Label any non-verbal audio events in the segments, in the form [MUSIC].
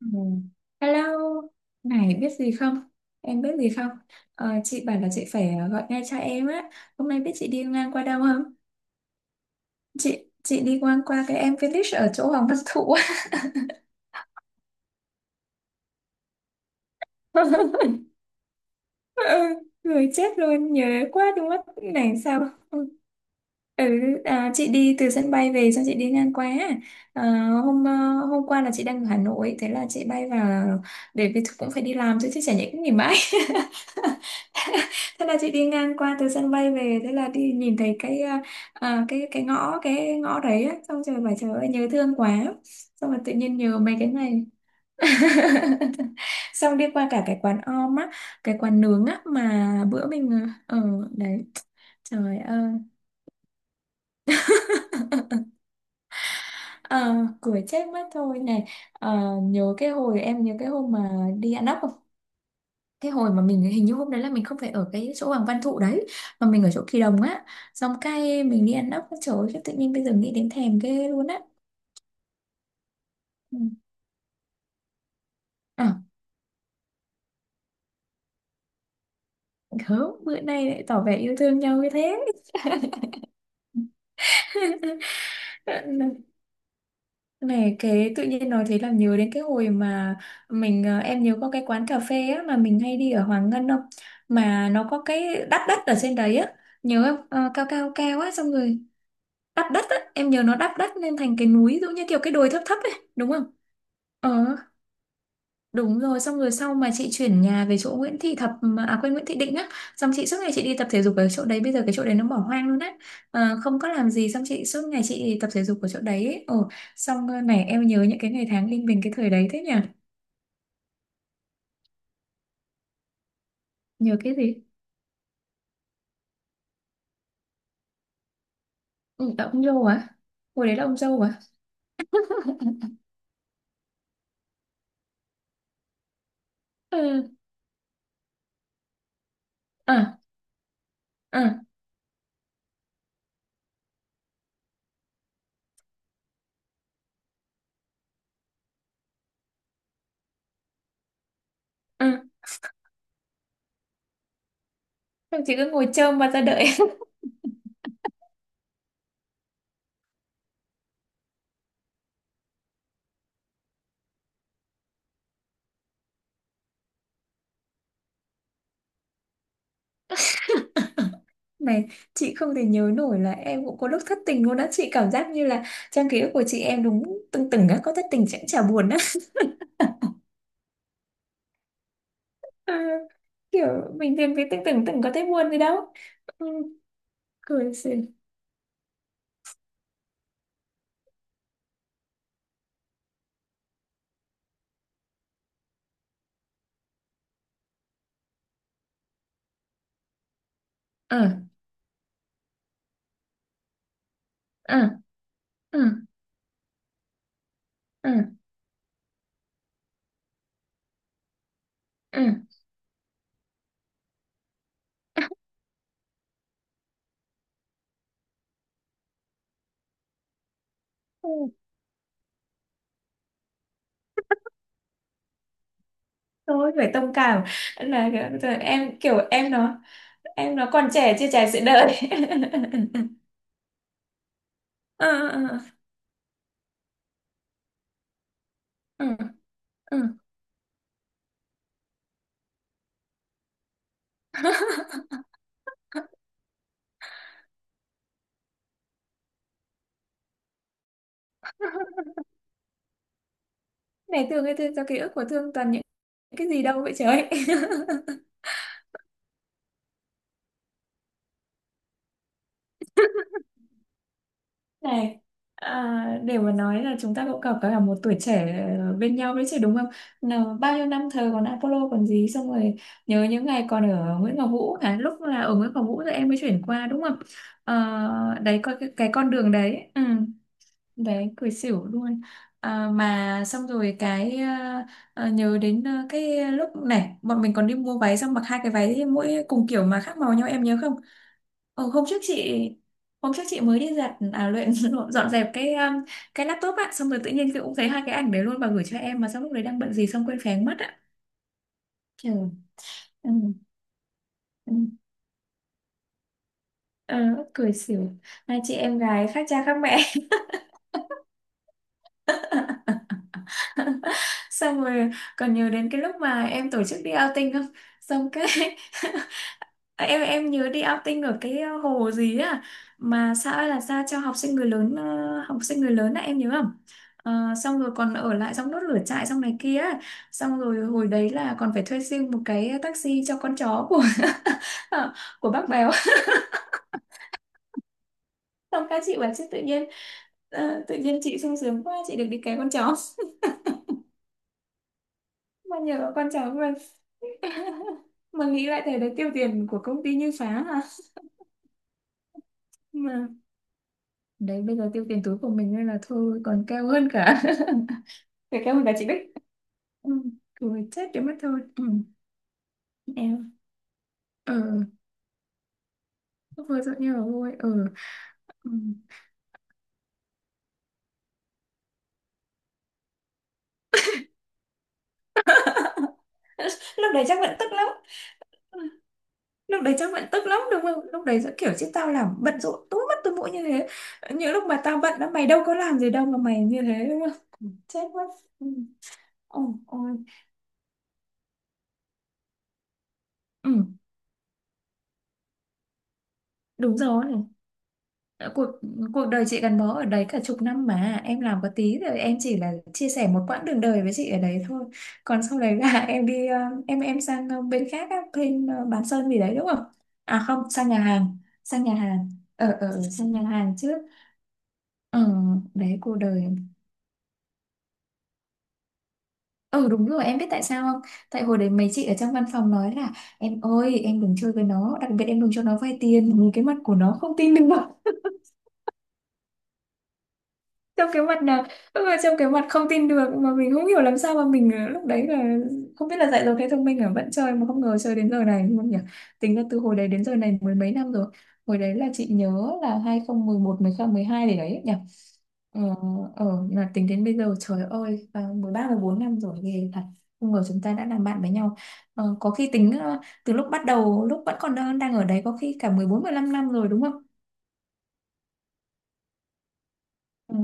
Ừ. Hello, này biết gì không? Em biết gì không? Chị bảo là chị phải gọi ngay cho em á. Hôm nay biết chị đi ngang qua đâu không? Chị đi ngang qua cái em Village ở chỗ Hoàng Văn Thụ. [LAUGHS] Ờ, người chết luôn nhớ quá đúng mất này sao ừ, chị đi từ sân bay về xong chị đi ngang qua à, hôm ờ, hôm qua là chị đang ở Hà Nội, thế là chị bay vào để vì cũng phải đi làm chứ, chả nhẽ cũng nghỉ mãi. [LAUGHS] Thế là chị đi ngang qua từ sân bay về, thế là đi nhìn thấy cái cái ngõ, ngõ đấy á, xong trời bảo trời ơi nhớ thương quá, xong rồi tự nhiên nhớ mấy cái này. [LAUGHS] Xong đi qua cả cái quán om á, cái quán nướng á mà bữa mình ở đấy. Trời ơi, ờ cười chết mất thôi này. Ờ, nhớ cái hồi em nhớ cái hôm mà đi ăn ốc không, cái hồi mà mình hình như hôm đấy là mình không phải ở cái chỗ Hoàng Văn Thụ đấy mà mình ở chỗ Kỳ Đồng á, xong cái mình đi ăn ốc. Trời ơi, tự nhiên bây giờ nghĩ đến thèm ghê luôn á. Ừ. À, gớm bữa nay lại tỏ vẻ yêu thương nhau như thế. [LAUGHS] Này cái tự nhiên nói thế làm nhớ đến cái hồi mà mình em nhớ có cái quán cà phê á mà mình hay đi ở Hoàng Ngân không, mà nó có cái đắp đất ở trên đấy á. Nhớ không? Ờ, cao cao cao á xong rồi đắp đất á, em nhớ nó đắp đất lên thành cái núi giống như kiểu cái đồi thấp thấp ấy đúng không? Ờ. Đúng rồi, xong rồi sau mà chị chuyển nhà về chỗ Nguyễn Thị Thập mà- à quên, Nguyễn Thị Định á, xong chị suốt ngày chị đi tập thể dục ở chỗ đấy, bây giờ cái chỗ đấy nó bỏ hoang luôn á. Ờ, không có làm gì, xong chị suốt ngày chị tập thể dục ở chỗ đấy. Ấy. Ồ, xong này em nhớ những cái ngày tháng linh bình cái thời đấy thế nhỉ? Nhớ cái gì? Ừ, là ông dâu à? Hồi đấy là ông dâu à? Ừ, à, à, à. Xong chị cứ ngồi trơm mặt ra đợi. [LAUGHS] Này, chị không thể nhớ nổi là em cũng có lúc thất tình luôn á. Chị cảm giác như là trong ký ức của chị em đúng từng á, có thất tình chẳng chả buồn á. [LAUGHS] À, kiểu mình tìm cái tưởng tưởng tưởng có thấy buồn gì đâu. Ừ, cười xì. Ờ. Ờ. Ờ. Ờ. Ờ. Ừ, thôi phải thông cảm là kiểu, giờ em kiểu em nó còn trẻ chưa trải sự đời. [LAUGHS] Ờ. Ờ. Ờ. À. À. Này thương cái thương cho [LAUGHS] ký ức của thương toàn những cái gì đâu vậy trời. Này, à, để mà nói là chúng ta cũng có cả một tuổi trẻ bên nhau đấy chứ đúng không? Nào, bao nhiêu năm thờ còn Apollo còn gì, xong rồi nhớ những ngày còn ở Nguyễn Ngọc Vũ hả? Lúc là ở Nguyễn Ngọc Vũ rồi em mới chuyển qua đúng không? Ờ, đấy coi cái con đường đấy ừ, đấy cười xỉu luôn. À, mà xong rồi cái nhớ đến cái lúc này bọn mình còn đi mua váy, xong mặc hai cái váy mỗi cùng kiểu mà khác màu nhau, em nhớ không? Ừ, hôm trước chị mới đi giặt à luyện [LAUGHS] dọn dẹp cái laptop ạ, xong rồi tự nhiên chị cũng thấy hai cái ảnh đấy luôn và gửi cho em, mà xong lúc đấy đang bận gì xong quên phén mất ạ. Trời. Ừ. Ừ. Ờ, cười xỉu. Hai chị em gái khác cha khác mẹ. [LAUGHS] Xong rồi còn nhớ đến cái lúc mà em tổ chức đi outing không, xong cái [LAUGHS] Ờ, nhớ đi outing ở cái hồ gì á mà xã là ra cho học sinh người lớn, học sinh người lớn á, em nhớ không? Ờ, xong rồi còn ở lại trong đốt lửa trại xong này kia á. Xong rồi hồi đấy là còn phải thuê riêng một cái taxi cho con chó của [LAUGHS] của bác Béo. Xong các chị bảo chứ tự nhiên tự nhiên chị sung sướng quá chị được đi cái con chó. [LAUGHS] Mà nhờ con chó mà [LAUGHS] mà nghĩ lại thấy đấy tiêu tiền của công ty như phá hả, mà đấy bây giờ tiêu tiền túi của mình nên là thôi còn cao hơn cả [LAUGHS] phải cao hơn cả chị Bích. Ừ. Cười chết cái mất thôi. Ừ. Em ờ vừa rồi như là vui. Ừ. Ừ. [LAUGHS] Lúc đấy chắc vẫn tức lắm. Lúc đấy chắc vẫn tức lắm đúng không, lúc đấy sẽ kiểu chứ tao làm bận rộn túi mất túi mũi như thế. Những lúc mà tao bận đó mày đâu có làm gì đâu mà mày như thế đúng không? Chết mất. Ừ. Ôi ôi. Ừ, đúng rồi. Cuộc cuộc đời chị gắn bó ở đấy cả 10 năm mà em làm có tí, rồi em chỉ là chia sẻ một quãng đường đời với chị ở đấy thôi. Còn sau đấy là [LAUGHS] em đi em sang bên khác á, bên bán sơn gì đấy đúng không? À không, sang nhà hàng. Sang nhà hàng. Ở ở Sang nhà hàng trước. Ừ, đấy cuộc đời. Ừ đúng rồi, em biết tại sao không? Tại hồi đấy mấy chị ở trong văn phòng nói là em ơi em đừng chơi với nó, đặc biệt em đừng cho nó vay tiền, nhìn cái mặt của nó không tin được. Trong cái mặt nào? Lúc mà trong cái mặt không tin được mà mình không hiểu làm sao mà mình lúc đấy là không biết là dạy rồi thế thông minh ở vẫn chơi, mà không ngờ chơi đến giờ này luôn nhỉ. Tính ra từ hồi đấy đến giờ này mười mấy năm rồi. Hồi đấy là chị nhớ là 2011, mười không, 12 để đấy nhỉ. Ờ. Ờ. Là tính đến bây giờ trời ơi, à, 13 14 năm rồi ghê thật. Không ngờ chúng ta đã làm bạn với nhau. Ờ, có khi tính từ lúc bắt đầu lúc vẫn còn đang đang ở đấy có khi cả 14, mười 15 năm rồi đúng không? Ừ.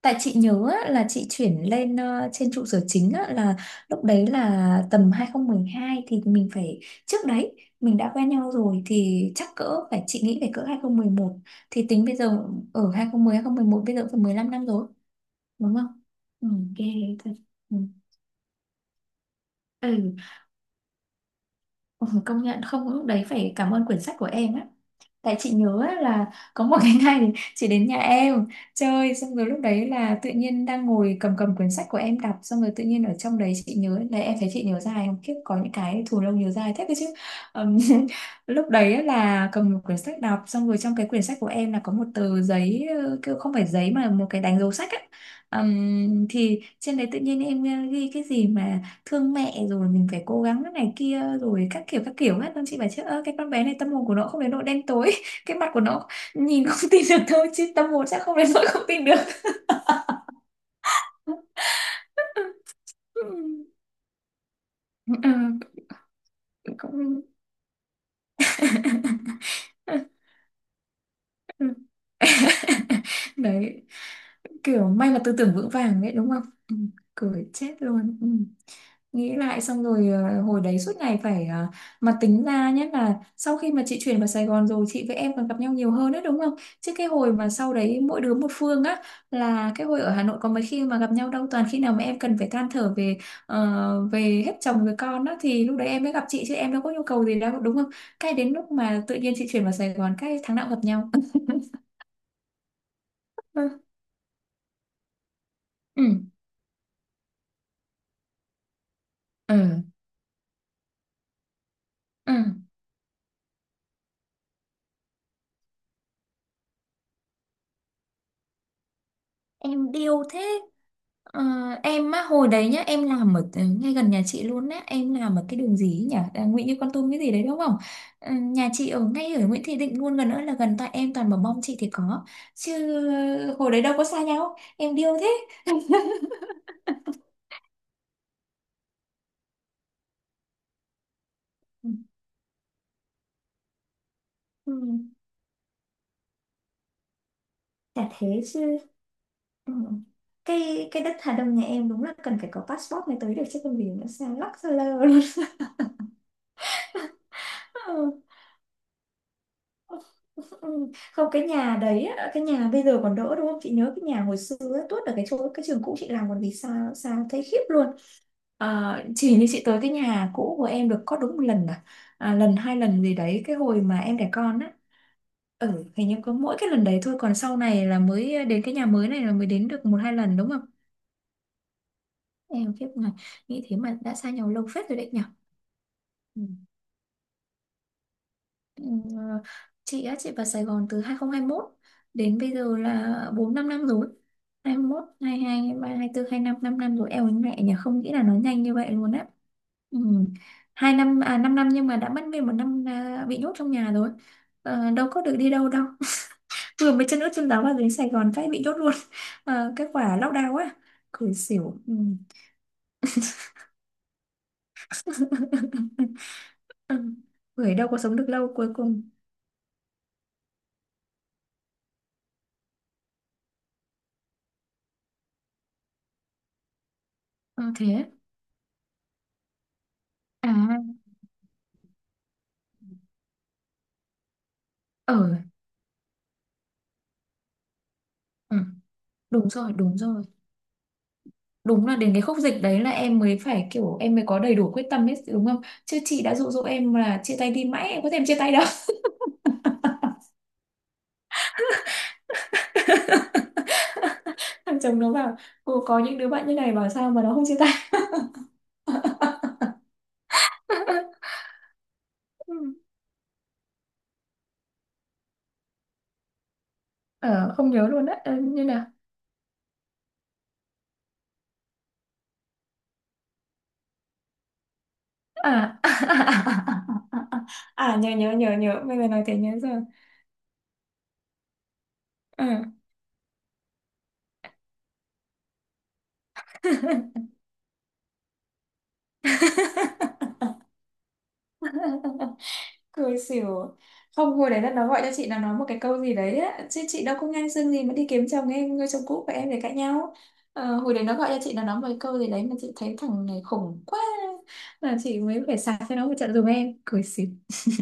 Tại chị nhớ á, là chị chuyển lên trên trụ sở chính á, là lúc đấy là tầm 2012 thì mình phải, trước đấy mình đã quen nhau rồi thì chắc cỡ phải, chị nghĩ phải cỡ 2011, thì tính bây giờ ở 2010 11 bây giờ cũng phải 15 năm rồi đúng không? Ừ, ghê thật. Ừ. Ừ. Ừ, công nhận không lúc đấy phải cảm ơn quyển sách của em á. Tại chị nhớ á, là có một [LAUGHS] cái ngày thì chị đến nhà em chơi, xong rồi lúc đấy là tự nhiên đang ngồi cầm cầm quyển sách của em đọc, xong rồi tự nhiên ở trong đấy chị nhớ đấy em thấy chị nhớ dài không, kiếp có những cái thù lông nhớ dài thế cơ chứ. Ừm, [LAUGHS] lúc đấy á là cầm một quyển sách đọc, xong rồi trong cái quyển sách của em là có một tờ giấy, kiểu không phải giấy mà một cái đánh dấu sách á. Thì trên đấy tự nhiên em ghi cái gì mà thương mẹ rồi mình phải cố gắng cái này kia rồi các kiểu hết, nên chị bảo chứ ơ cái con bé này tâm hồn của nó không đến nỗi đen tối [LAUGHS] cái mặt của nó nhìn không tin được, thôi chứ tâm hồn chắc không đến nỗi không tin được. [LAUGHS] Ừ. Ừ. Cũng [LAUGHS] [LAUGHS] đấy kiểu may là tư tưởng vững vàng đấy đúng không? Ừ. Cười chết luôn. Ừ. Nghĩ lại xong rồi hồi đấy suốt ngày phải mà tính ra nhé, là sau khi mà chị chuyển vào Sài Gòn rồi chị với em còn gặp nhau nhiều hơn đấy, đúng không? Chứ cái hồi mà sau đấy mỗi đứa một phương á, là cái hồi ở Hà Nội có mấy khi mà gặp nhau đâu, toàn khi nào mà em cần phải than thở về về hết chồng về con á thì lúc đấy em mới gặp chị, chứ em đâu có nhu cầu gì đâu đúng không. Cái đến lúc mà tự nhiên chị chuyển vào Sài Gòn cái tháng nào cũng gặp nhau. [LAUGHS] Ừ. Ừ. Ừ, em điêu thế. Ờ, em á hồi đấy nhá, em làm ở ngay gần nhà chị luôn á, em làm ở cái đường gì ấy nhỉ, à, Nguyễn Như Con Tum cái gì đấy đúng không. Ừ, nhà chị ở ngay ở Nguyễn Thị Định luôn, gần nữa là gần, tại em toàn bảo mong chị thì có, chứ hồi đấy đâu có xa nhau, em điêu thế. Ừ, ừ, chả thế chứ. Ừ. cái đất Hà Đông nhà em đúng là cần phải có passport mới tới được, chứ không vì nó xa lắc xa lơ luôn. [LAUGHS] [LAUGHS] Ừ, không cái nhà đấy á, cái nhà bây giờ còn đỡ đúng không, chị nhớ cái nhà hồi xưa á, tuốt ở cái chỗ cái trường cũ chị làm, còn vì sao sao thấy khiếp luôn. Ờ, chỉ như chị tới cái nhà cũ của em được có đúng một lần à, à lần hai lần gì đấy cái hồi mà em đẻ con á. Ừ, hình như có mỗi cái lần đấy thôi, còn sau này là mới đến cái nhà mới này, là mới đến được một hai lần đúng không. Em khiếp này, nghĩ thế mà đã xa nhau lâu phết rồi đấy nhỉ. Ừm, ờ, chị á, chị vào Sài Gòn từ 2021, đến bây giờ là 4 năm, năm rồi. 21 22 23 24 25, 5 năm năm rồi, eo mẹ nhỉ, không nghĩ là nó nhanh như vậy luôn á. Ừm, hai năm à, 5 năm nhưng mà đã mất nguyên một năm à, bị nhốt trong nhà rồi. Ờ, đâu có được đi đâu đâu. [LAUGHS] Vừa mới chân ướt chân ráo vào đến Sài Gòn cái bị nhốt luôn. Ờ, cái quả lockdown á, cười xỉu. Ừm. [LAUGHS] Ừ. Người đâu có sống được lâu cuối cùng. Ờ, thế à, ở, ừ. Đúng rồi, đúng rồi. Đúng là đến cái khúc dịch đấy là em mới phải kiểu em mới có đầy đủ quyết tâm hết đúng không? Chứ chị đã dụ dỗ em là chia tay đi mãi, em có thèm chia tay đâu. [LAUGHS] Thằng chồng nó bảo, cô có những đứa bạn như này bảo sao mà nó không chia tay. [LAUGHS] Ừ. Ờ, không nhớ luôn á. Ờ, như nào? À, [LAUGHS] à, à, à, à, à, à. À, nhớ, nhớ, nhớ, nhớ. Bây giờ nói thế nhớ rồi. Ờ. [LAUGHS] Cười xỉu. Không, hồi đấy là nó gọi cho chị, nó nói một cái câu gì đấy á, chứ chị đâu có ngang xương gì mà đi kiếm chồng em, người chồng cũ của em để cãi nhau. Ờ, hồi đấy nó gọi cho chị, nó nói một cái câu gì đấy mà chị thấy thằng này khủng quá, là chị mới phải sạc cho nó một trận dùm em, cười xỉu. [LAUGHS]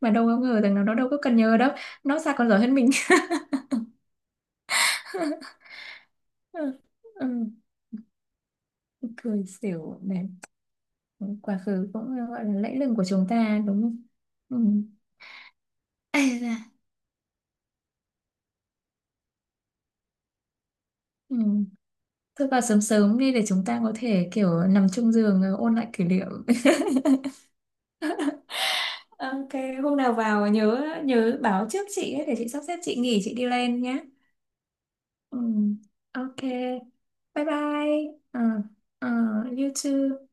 Mà đâu có ngờ rằng nó đâu có cần nhờ đâu, nó sạc còn giỏi hơn mình. [LAUGHS] Ừ, ừ, cười xỉu này, quá khứ cũng gọi là lẫy lừng của chúng ta đúng không. Ừ. Ây da. Ừ. Thôi vào sớm sớm đi để chúng ta có thể kiểu nằm chung giường, ôn lại kỷ niệm. [LAUGHS] Ok, hôm nào vào nhớ nhớ báo trước chị ấy để chị sắp xếp, chị nghỉ chị đi lên nhé. Ừ. Ok. Bye bye. Ờ, ờ, you too.